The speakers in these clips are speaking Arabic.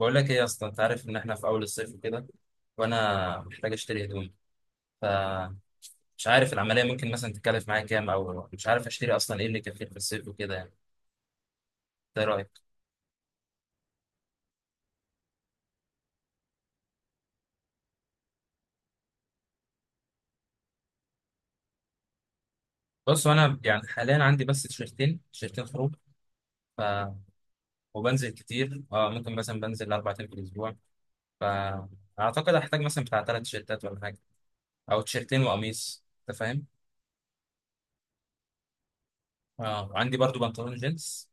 بقول لك ايه يا اسطى؟ انت عارف ان احنا في اول الصيف وكده، وانا محتاج اشتري هدوم، فمش عارف العمليه ممكن مثلا تتكلف معايا كام، او مش عارف اشتري اصلا ايه اللي يكفيني في الصيف وكده يعني. انت ايه رايك؟ بص انا يعني حاليا عندي بس تيشرتين خروج. ف وبنزل كتير، اه، ممكن مثلا بنزل 4 ايام في الاسبوع. فاعتقد هحتاج مثلا بتاع 3 تيشرتات ولا حاجه، او تيشرتين وقميص، انت فاهم. اه، وعندي برضو بنطلون جينز،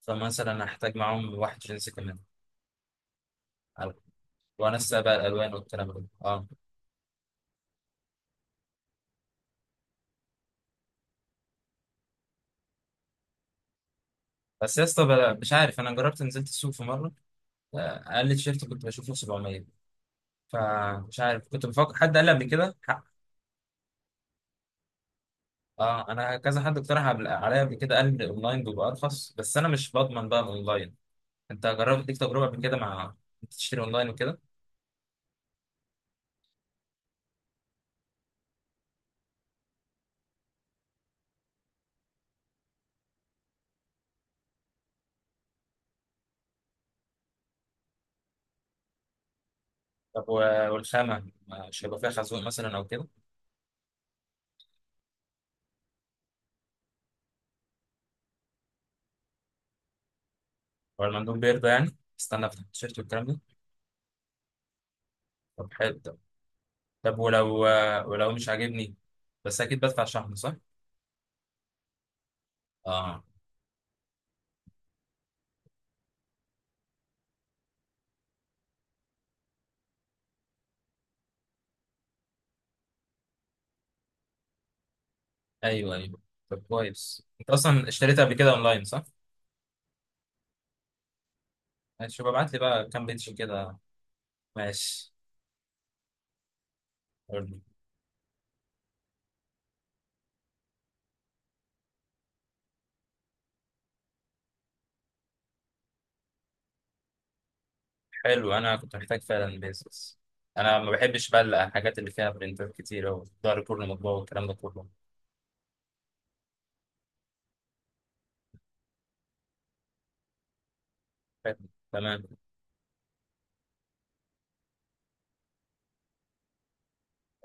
فمثلا هحتاج معاهم واحد جينز كمان. على- وانسق بقى الالوان والكلام ده، اه. بس يا اسطى، مش عارف، انا جربت نزلت السوق في مره، آه، اقل تيشيرت كنت بشوفه 700. فمش عارف، كنت بفكر حد قال لي قبل كده حق. اه، انا كذا حد اقترح عليا قبل كده، قال لي الاونلاين بيبقى ارخص، بس انا مش بضمن بقى الاونلاين. انت جربت ليك تجربه قبل كده مع تشتري اونلاين وكده؟ طب، والخامه مش هيبقى فيها خازوق مثلا او كده؟ ولا المندوب بيرضى يعني استنى افتح التيشيرت والكلام ده؟ طب حلو، طب. طب، ولو مش عاجبني، بس اكيد بدفع شحن صح؟ اه، ايوه ايوه. طب كويس، انت اصلا اشتريتها قبل كده اونلاين صح؟ ماشي، شوف ابعت لي بقى كام بيتش كده. ماشي، قول. حلو، انا كنت محتاج فعلا بيزنس. انا ما بحبش بقى الحاجات اللي فيها برنتات كتير، او ظهر كله مطبوع والكلام ده كله. حلو. تمام.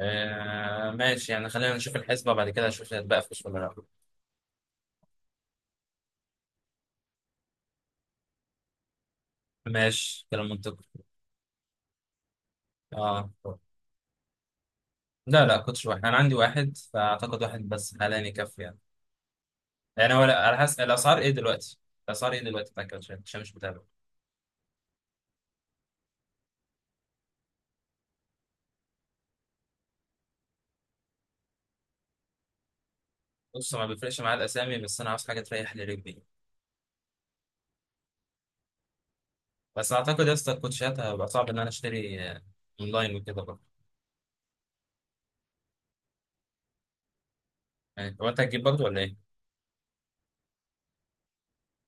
آه ماشي يعني، خلينا نشوف الحسبة بعد كده، اشوف هي هتبقى فلوس ولا لا. ماشي، كلام منطقي. اه. لا لا، كنتش واحد، انا عندي واحد فاعتقد واحد بس حاليا يكفي يعني. يعني هو لا، على حسب الاسعار ايه دلوقتي؟ الاسعار ايه دلوقتي بتاع كاوتشات، عشان مش متابع. بص، ما بيفرقش معايا الاسامي، بس انا عاوز حاجه تريح لي رجلي. بس اعتقد يا اسطى الكوتشيات هيبقى صعب ان انا اشتري، اونلاين وكده برضه. يعني هو انت هتجيب برضه ولا ايه؟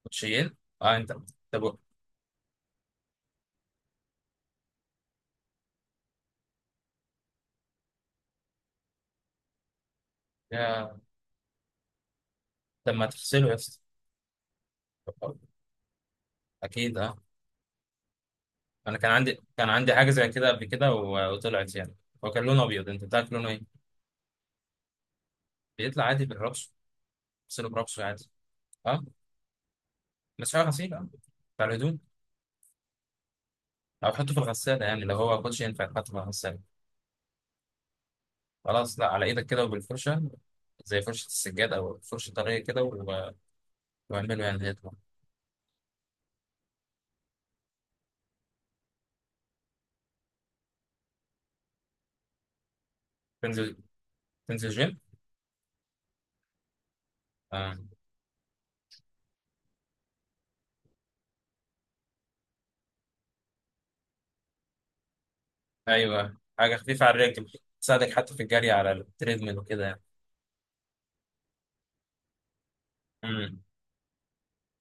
كوتشيين؟ اه، انت. طب، يا. طب ما تغسله يا اسطى. اكيد، اه. انا كان عندي حاجه زي كده قبل كده، وطلعت يعني. هو كان لونه ابيض، انت بتاعك لونه ايه؟ بيطلع عادي بالرش. غسله برشه عادي. اه، بس هو غسيل، اه، بتاع الهدوم. او حطه في الغساله يعني، لو هو كوتشي ينفع يتحط في الغساله. خلاص، لا، على ايدك كده وبالفرشه، زي فرشه السجاد او فرشه طريه كده، واعمله يعني هيطلع. تنزل تنزل جيم. آه. ايوه، حاجه خفيفه على الرجل، تساعدك حتى في الجري على التريدميل وكده يعني. امم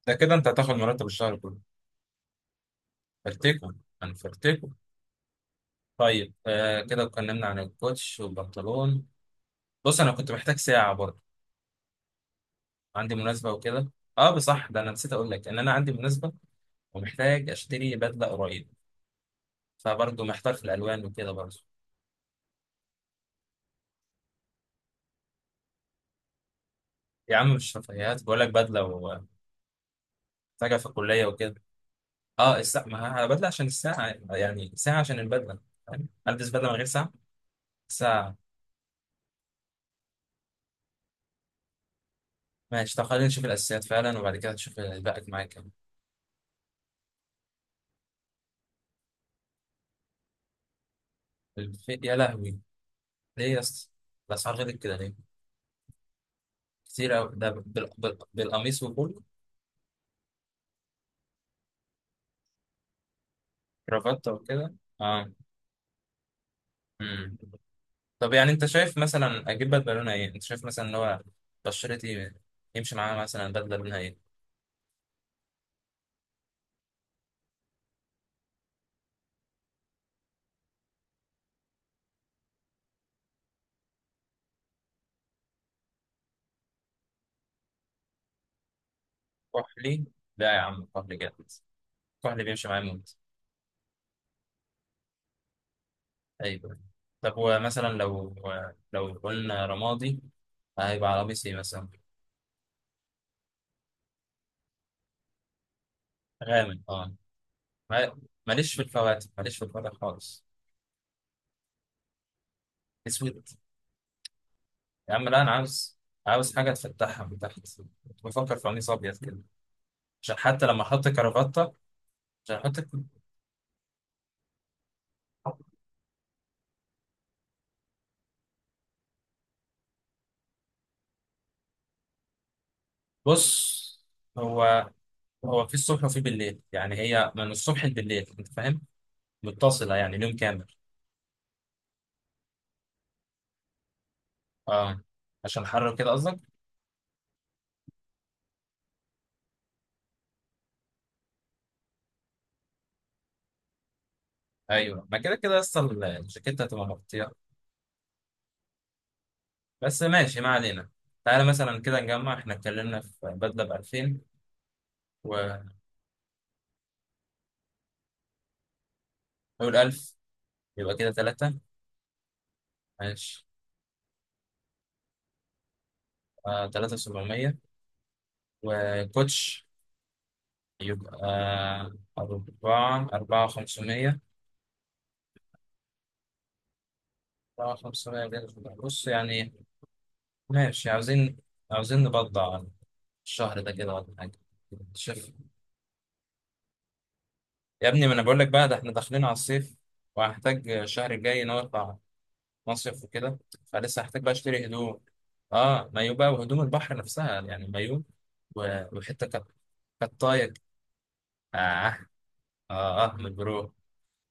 ده كده انت هتاخد مرتب الشهر كله. فرتكم. انا فرتكم. طيب، كده اتكلمنا عن الكوتش والبنطلون. بص، انا كنت محتاج ساعه برضه، عندي مناسبه وكده. اه، بصح ده انا نسيت اقول لك ان انا عندي مناسبه ومحتاج اشتري بدله قريب، فبرضه محتار في الالوان وكده برضه. يا عم مش رفاهيات، بقول لك بدله وحاجه في الكليه وكده. اه، الساعه ما بدله عشان الساعه، يعني ساعه عشان البدله، فاهم. البس بدله من غير ساعه. ماشي، طب خلينا نشوف الاساسيات فعلا، وبعد كده نشوف الباقي معاك كام. يا لهوي، ليه يا اسطى؟ الاسعار غلط كده ليه؟ كتير قوي ده، بالقميص وكله، كرافته وكده، اه. امم طب يعني، انت شايف مثلا اجيب بدله لونها ايه؟ انت شايف مثلا ان هو بشرتي يمشي معاها مثلا بدله لونها ايه؟ كحلي؟ لا يا عم، كحلي جامد، الكحل اللي بيمشي معاه موت. ايوه. طب، ومثلا لو قلنا رمادي، هيبقى على قميص ايه مثلا؟ غامق، اه. ما- ماليش في الفواتح، ماليش في الفواتح خالص. اسود. يا عم، لا، انا عاوز حاجه تفتحها من تحت. كنت بفكر في قميص ابيض كده، عشان حتى لما احط كرافته، عشان احط. بص، هو هو في الصبح وفي بالليل، يعني هي من الصبح لبالليل، انت فاهم، متصله يعني، اليوم كامل. اه، عشان حر كده قصدك؟ ايوه، ما كده كده اصل الجاكيت هتبقى مغطيه. بس ماشي، ما علينا. تعالى مثلا كده نجمع، احنا اتكلمنا في بدله ب 2000، ونقول 1000، يبقى كده 3. ماشي، آه 3700، وكوتش يبقى 4 500، 4 500 كده. بص يعني، ماشي، عاوزين نبضع الشهر ده كده ولا حاجه. شوف يا ابني، ما انا بقول لك بقى ده احنا داخلين على الصيف، وهحتاج الشهر الجاي نرفع مصيف وكده، فلسه هحتاج بقى اشتري هدوم. اه، مايو بقى، وهدوم البحر نفسها يعني مايو، وحته كطايه، اه اه اه، من برو.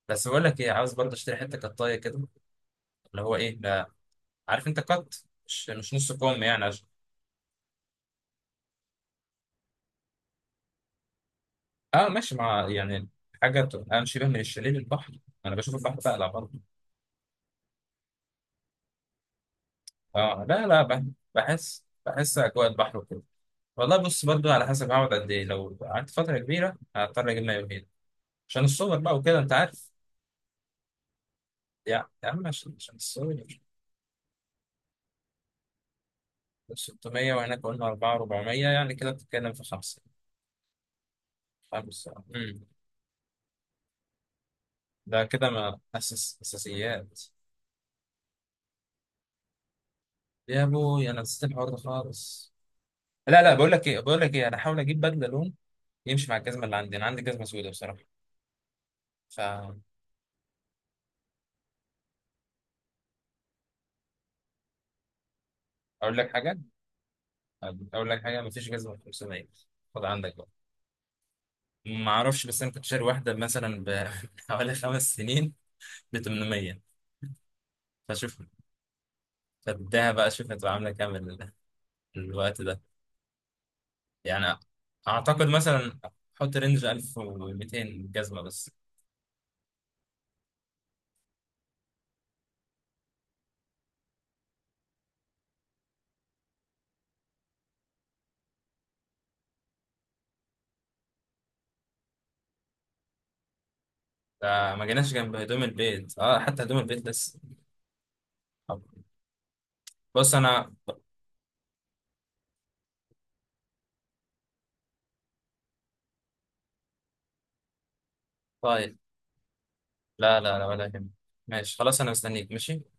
بس بقول لك ايه، عاوز برضه اشتري حته كطايه كده، اللي هو ايه ده، عارف انت قط، مش نص كم يعني، عشان. اه، ماشي مع يعني، حاجه تبقى شبه من الشاليه للبحر. انا بشوف البحر بقلع برضه. اه، لا لا، بحس اجواء البحر وكده. والله بص، برضو على حسب هقعد قد ايه، لو قعدت فتره كبيره هضطر اجيب مايو، عشان الصور بقى وكده انت عارف. يا عم، عشان الصور، 600، وهناك قلنا 4 400 يعني، كده بتتكلم في 5. ده كده ما اساس اساسيات. يا ابوي، انا نسيت الحوار ده خالص. لا لا، بقول لك ايه، انا هحاول اجيب بدله لون يمشي مع الجزمه اللي عندي، انا عندي جزمه سوداء بصراحه. فاقول لك حاجه اقول لك حاجه ما فيش جزمه ب 500، خد عندك بقى. ما اعرفش، بس انا كنت شاري واحده مثلا ب حوالي 5 سنين ب 800. فشوف. فاديها بقى، شوف هتبقى عاملة كام الوقت ده. يعني أعتقد مثلا حط رينج 1200، جزمة بس. ده ما جيناش جنب هدوم البيت، اه حتى هدوم البيت لسه. طب بص أنا. طيب، لا لا لا، ولا يهمك. ماشي خلاص، أنا مستنيك، ماشي.